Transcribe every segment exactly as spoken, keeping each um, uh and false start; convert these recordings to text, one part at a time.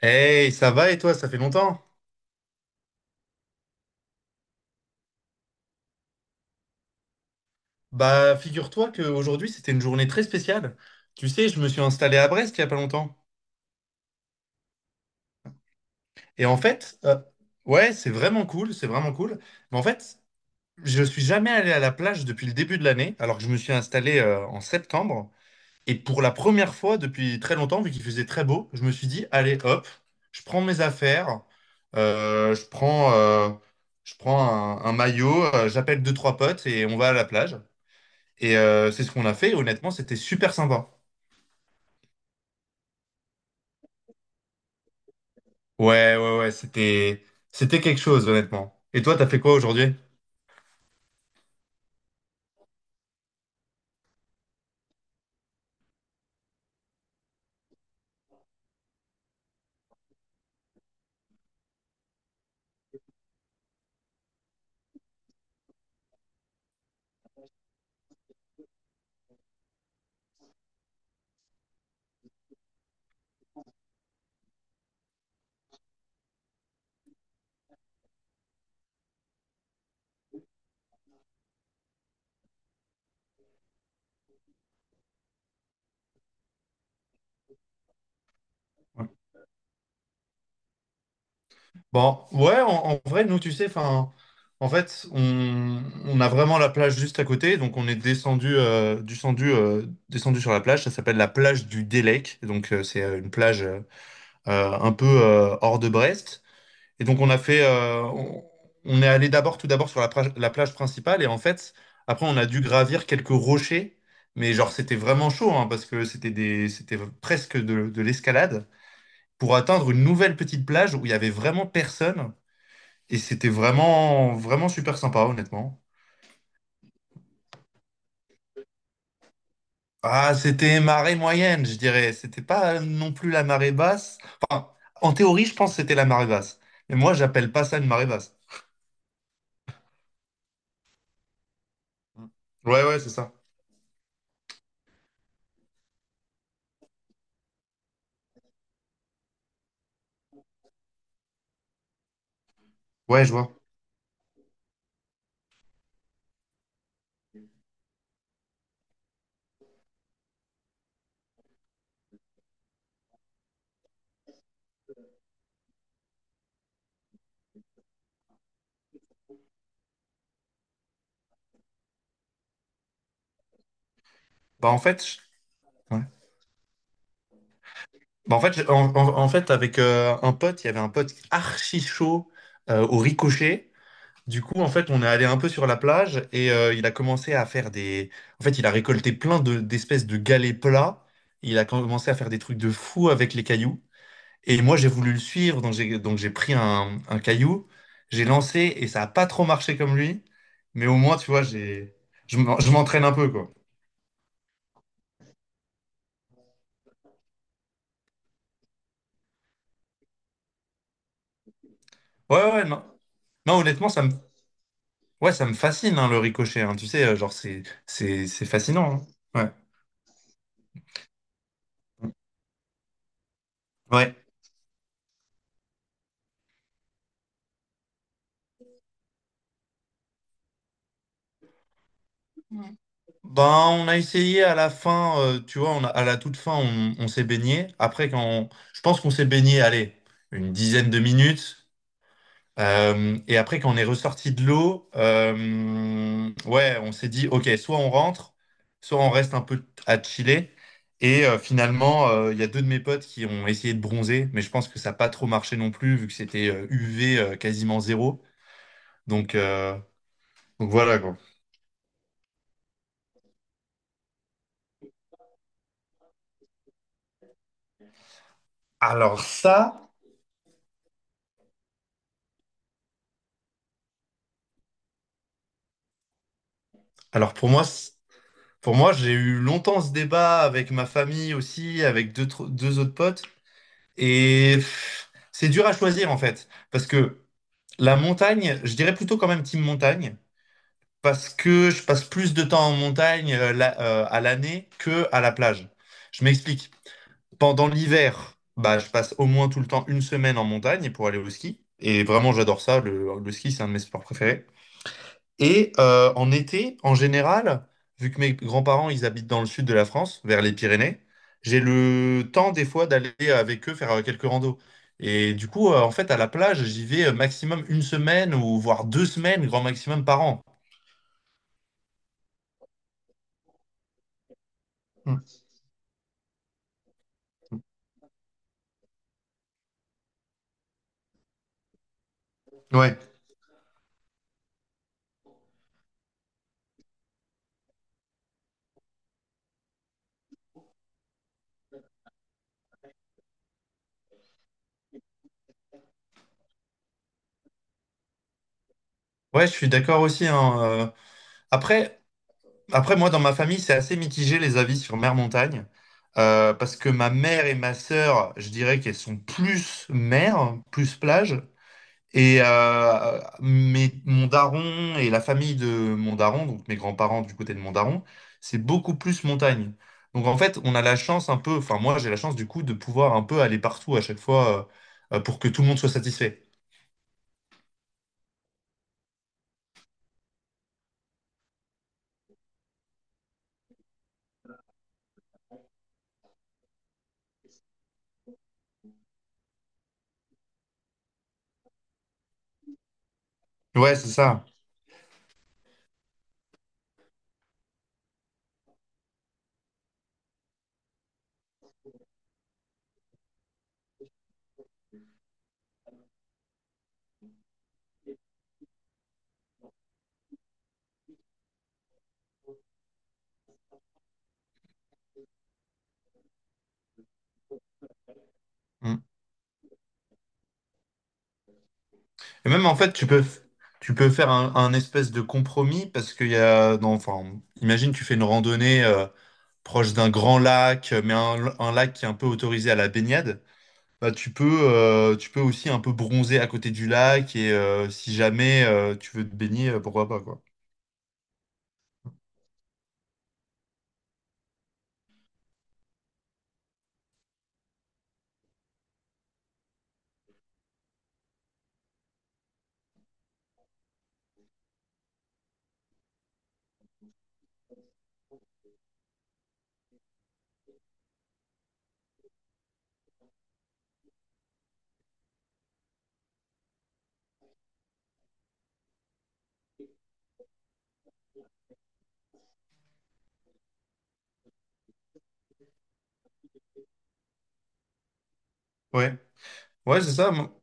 Hey, ça va et toi, ça fait longtemps? Bah, figure-toi qu'aujourd'hui, c'était une journée très spéciale. Tu sais, je me suis installé à Brest il y a pas longtemps. Et en fait, euh, ouais, c'est vraiment cool, c'est vraiment cool. Mais en fait, je suis jamais allé à la plage depuis le début de l'année, alors que je me suis installé euh, en septembre. Et pour la première fois depuis très longtemps, vu qu'il faisait très beau, je me suis dit, allez, hop, je prends mes affaires, euh, je prends, euh, je prends un, un maillot, euh, j'appelle deux, trois potes et on va à la plage. Et euh, c'est ce qu'on a fait. Et honnêtement, c'était super sympa. Ouais, ouais, ouais, c'était c'était quelque chose, honnêtement. Et toi, t'as fait quoi aujourd'hui? Ouais. Bon, ouais, en, en vrai, nous, tu sais, enfin, en fait, on, on a vraiment la plage juste à côté, donc on est descendu, euh, descendu, euh, descendu sur la plage. Ça s'appelle la plage du Délec, donc euh, c'est euh, une plage euh, euh, un peu euh, hors de Brest. Et donc on a fait, euh, on, on est allé d'abord, tout d'abord sur la, plage- la plage principale et en fait, après on a dû gravir quelques rochers, mais genre c'était vraiment chaud hein, parce que c'était des, c'était presque de, de l'escalade pour atteindre une nouvelle petite plage où il y avait vraiment personne et c'était vraiment, vraiment super sympa honnêtement. Ah, c'était marée moyenne, je dirais. C'était pas non plus la marée basse. Enfin, en théorie, je pense que c'était la marée basse. Mais moi, j'appelle pas ça une marée basse. Mm. Ouais, ouais, c'est ça. Ouais, je vois. Bah en fait, je- ouais. Bah, en fait, j'ai- en, en- en fait avec euh, un pote, il y avait un pote archi chaud euh, au ricochet. Du coup, en fait, on est allé un peu sur la plage et euh, il a commencé à faire des. En fait, il a récolté plein de, d'espèces de galets plats. Il a commencé à faire des trucs de fou avec les cailloux. Et moi, j'ai voulu le suivre, donc j'ai donc j'ai pris un, un caillou, j'ai lancé et ça a pas trop marché comme lui. Mais au moins, tu vois, j'ai je m'en- je m'entraîne un peu quoi. Ouais, ouais, ouais, non. Non, honnêtement, ça me Ouais, ça me fascine, hein, le ricochet. Hein. Tu sais, euh, genre, c'est, c'est, c'est fascinant. Hein. Ouais. Ouais. Ben, on a essayé à la fin, euh, tu vois, on a- à la toute fin, on, on s'est baigné. Après, quand on- je pense qu'on s'est baigné, allez, une dizaine de minutes. Euh, et après, quand on est ressorti de l'eau, euh, ouais, on s'est dit, OK, soit on rentre, soit on reste un peu à chiller. Et euh, finalement, euh, il y a deux de mes potes qui ont essayé de bronzer, mais je pense que ça n'a pas trop marché non plus, vu que c'était euh, U V euh, quasiment zéro. Donc, euh, donc voilà quoi. Alors ça, alors pour moi, c- pour moi, j'ai eu longtemps ce débat avec ma famille aussi, avec deux, tro- deux autres potes, et pff, c'est dur à choisir en fait, parce que la montagne, je dirais plutôt quand même team montagne, parce que je passe plus de temps en montagne euh, la- euh, à l'année que à la plage. Je m'explique. Pendant l'hiver, bah, je passe au moins tout le temps une semaine en montagne pour aller au ski, et vraiment j'adore ça. Le, le ski, c'est un de mes sports préférés. Et euh, en été, en général, vu que mes grands-parents, ils habitent dans le sud de la France, vers les Pyrénées, j'ai le temps des fois d'aller avec eux faire euh, quelques randos. Et du coup, euh, en fait, à la plage, j'y vais euh, maximum une semaine ou voire deux semaines, grand maximum par an. Mm. Ouais, ouais, je suis d'accord aussi. Hein, euh. Après, après, moi, dans ma famille, c'est assez mitigé les avis sur mer-montagne. Euh, parce que ma mère et ma sœur, je dirais qu'elles sont plus mer, plus plage. Et euh, mais mon daron et la famille de mon daron, donc mes grands-parents du côté de mon daron, c'est beaucoup plus montagne. Donc en fait, on a la chance un peu, enfin moi j'ai la chance du coup de pouvoir un peu aller partout à chaque fois euh, euh, pour que tout le monde soit satisfait. Ouais, c'est ça. Mm. Et même en fait, tu peux, f- tu peux faire un, un espèce de compromis parce qu'il y a, non, enfin, imagine tu fais une randonnée euh, proche d'un grand lac, mais un, un lac qui est un peu autorisé à la baignade. Bah, tu peux, euh, tu peux aussi un peu bronzer à côté du lac et euh, si jamais euh, tu veux te baigner, euh, pourquoi pas, quoi. Ouais, ouais, c'est ça. Moi.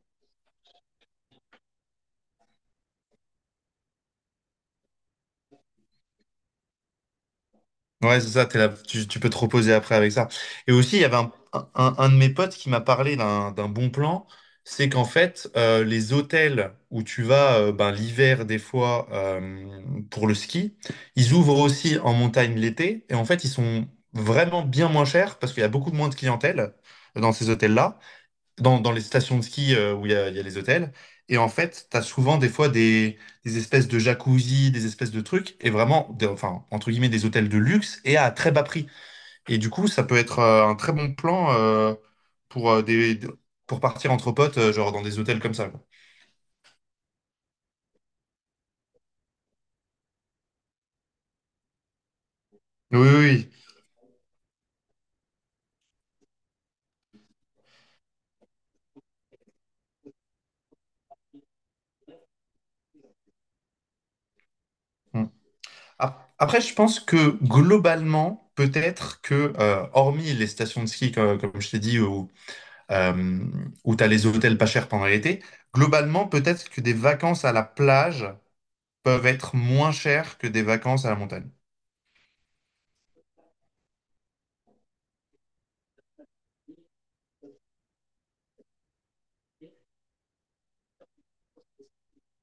Ouais, c'est ça, t'es là, tu, tu peux te reposer après avec ça. Et aussi, il y avait un, un, un de mes potes qui m'a parlé d'un d'un bon plan, c'est qu'en fait, euh, les hôtels où tu vas euh, ben, l'hiver des fois euh, pour le ski, ils ouvrent aussi en montagne l'été et en fait, ils sont vraiment bien moins chers parce qu'il y a beaucoup moins de clientèle dans ces hôtels-là. dans, dans les stations de ski euh, où il y a, il y a les hôtels. Et en fait, tu as souvent des fois des, des espèces de jacuzzi, des espèces de trucs, et vraiment, des- enfin, entre guillemets, des hôtels de luxe et à très bas prix. Et du coup, ça peut être euh, un très bon plan euh, pour, euh, des, pour partir entre potes, euh, genre dans des hôtels comme ça, quoi. Oui, oui, oui. Mm. Ap- Après, je pense que globalement, peut-être que, euh, hormis les stations de ski, comme, comme je t'ai dit, euh, où tu as les hôtels pas chers pendant l'été. Globalement, peut-être que des vacances à la plage peuvent être moins chères que des vacances à la montagne.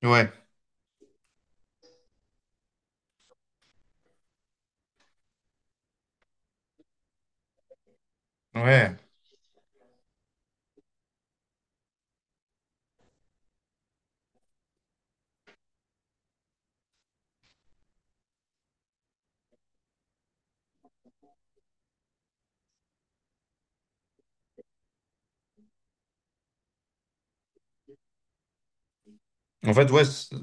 Ouais, ouais. En fait, ouais, c'est-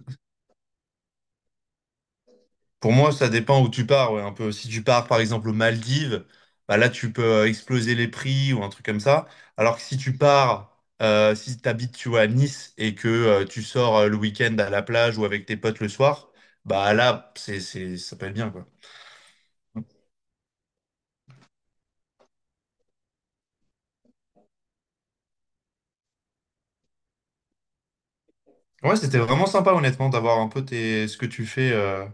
pour moi, ça dépend où tu pars, ouais, un peu. Si tu pars, par exemple, aux Maldives, bah là, tu peux euh, exploser les prix ou un truc comme ça. Alors que si tu pars, euh, si tu habites, tu vois, à Nice et que euh, tu sors euh, le week-end à la plage ou avec tes potes le soir, bah là, c'est, c'est, ça peut être bien, quoi. Ouais, c'était vraiment sympa, honnêtement, d'avoir un peu tes... ce que tu fais euh,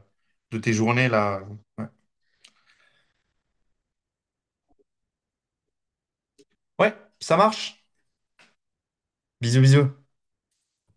de tes journées là. Ouais. Ouais, ça marche. Bisous, bisous.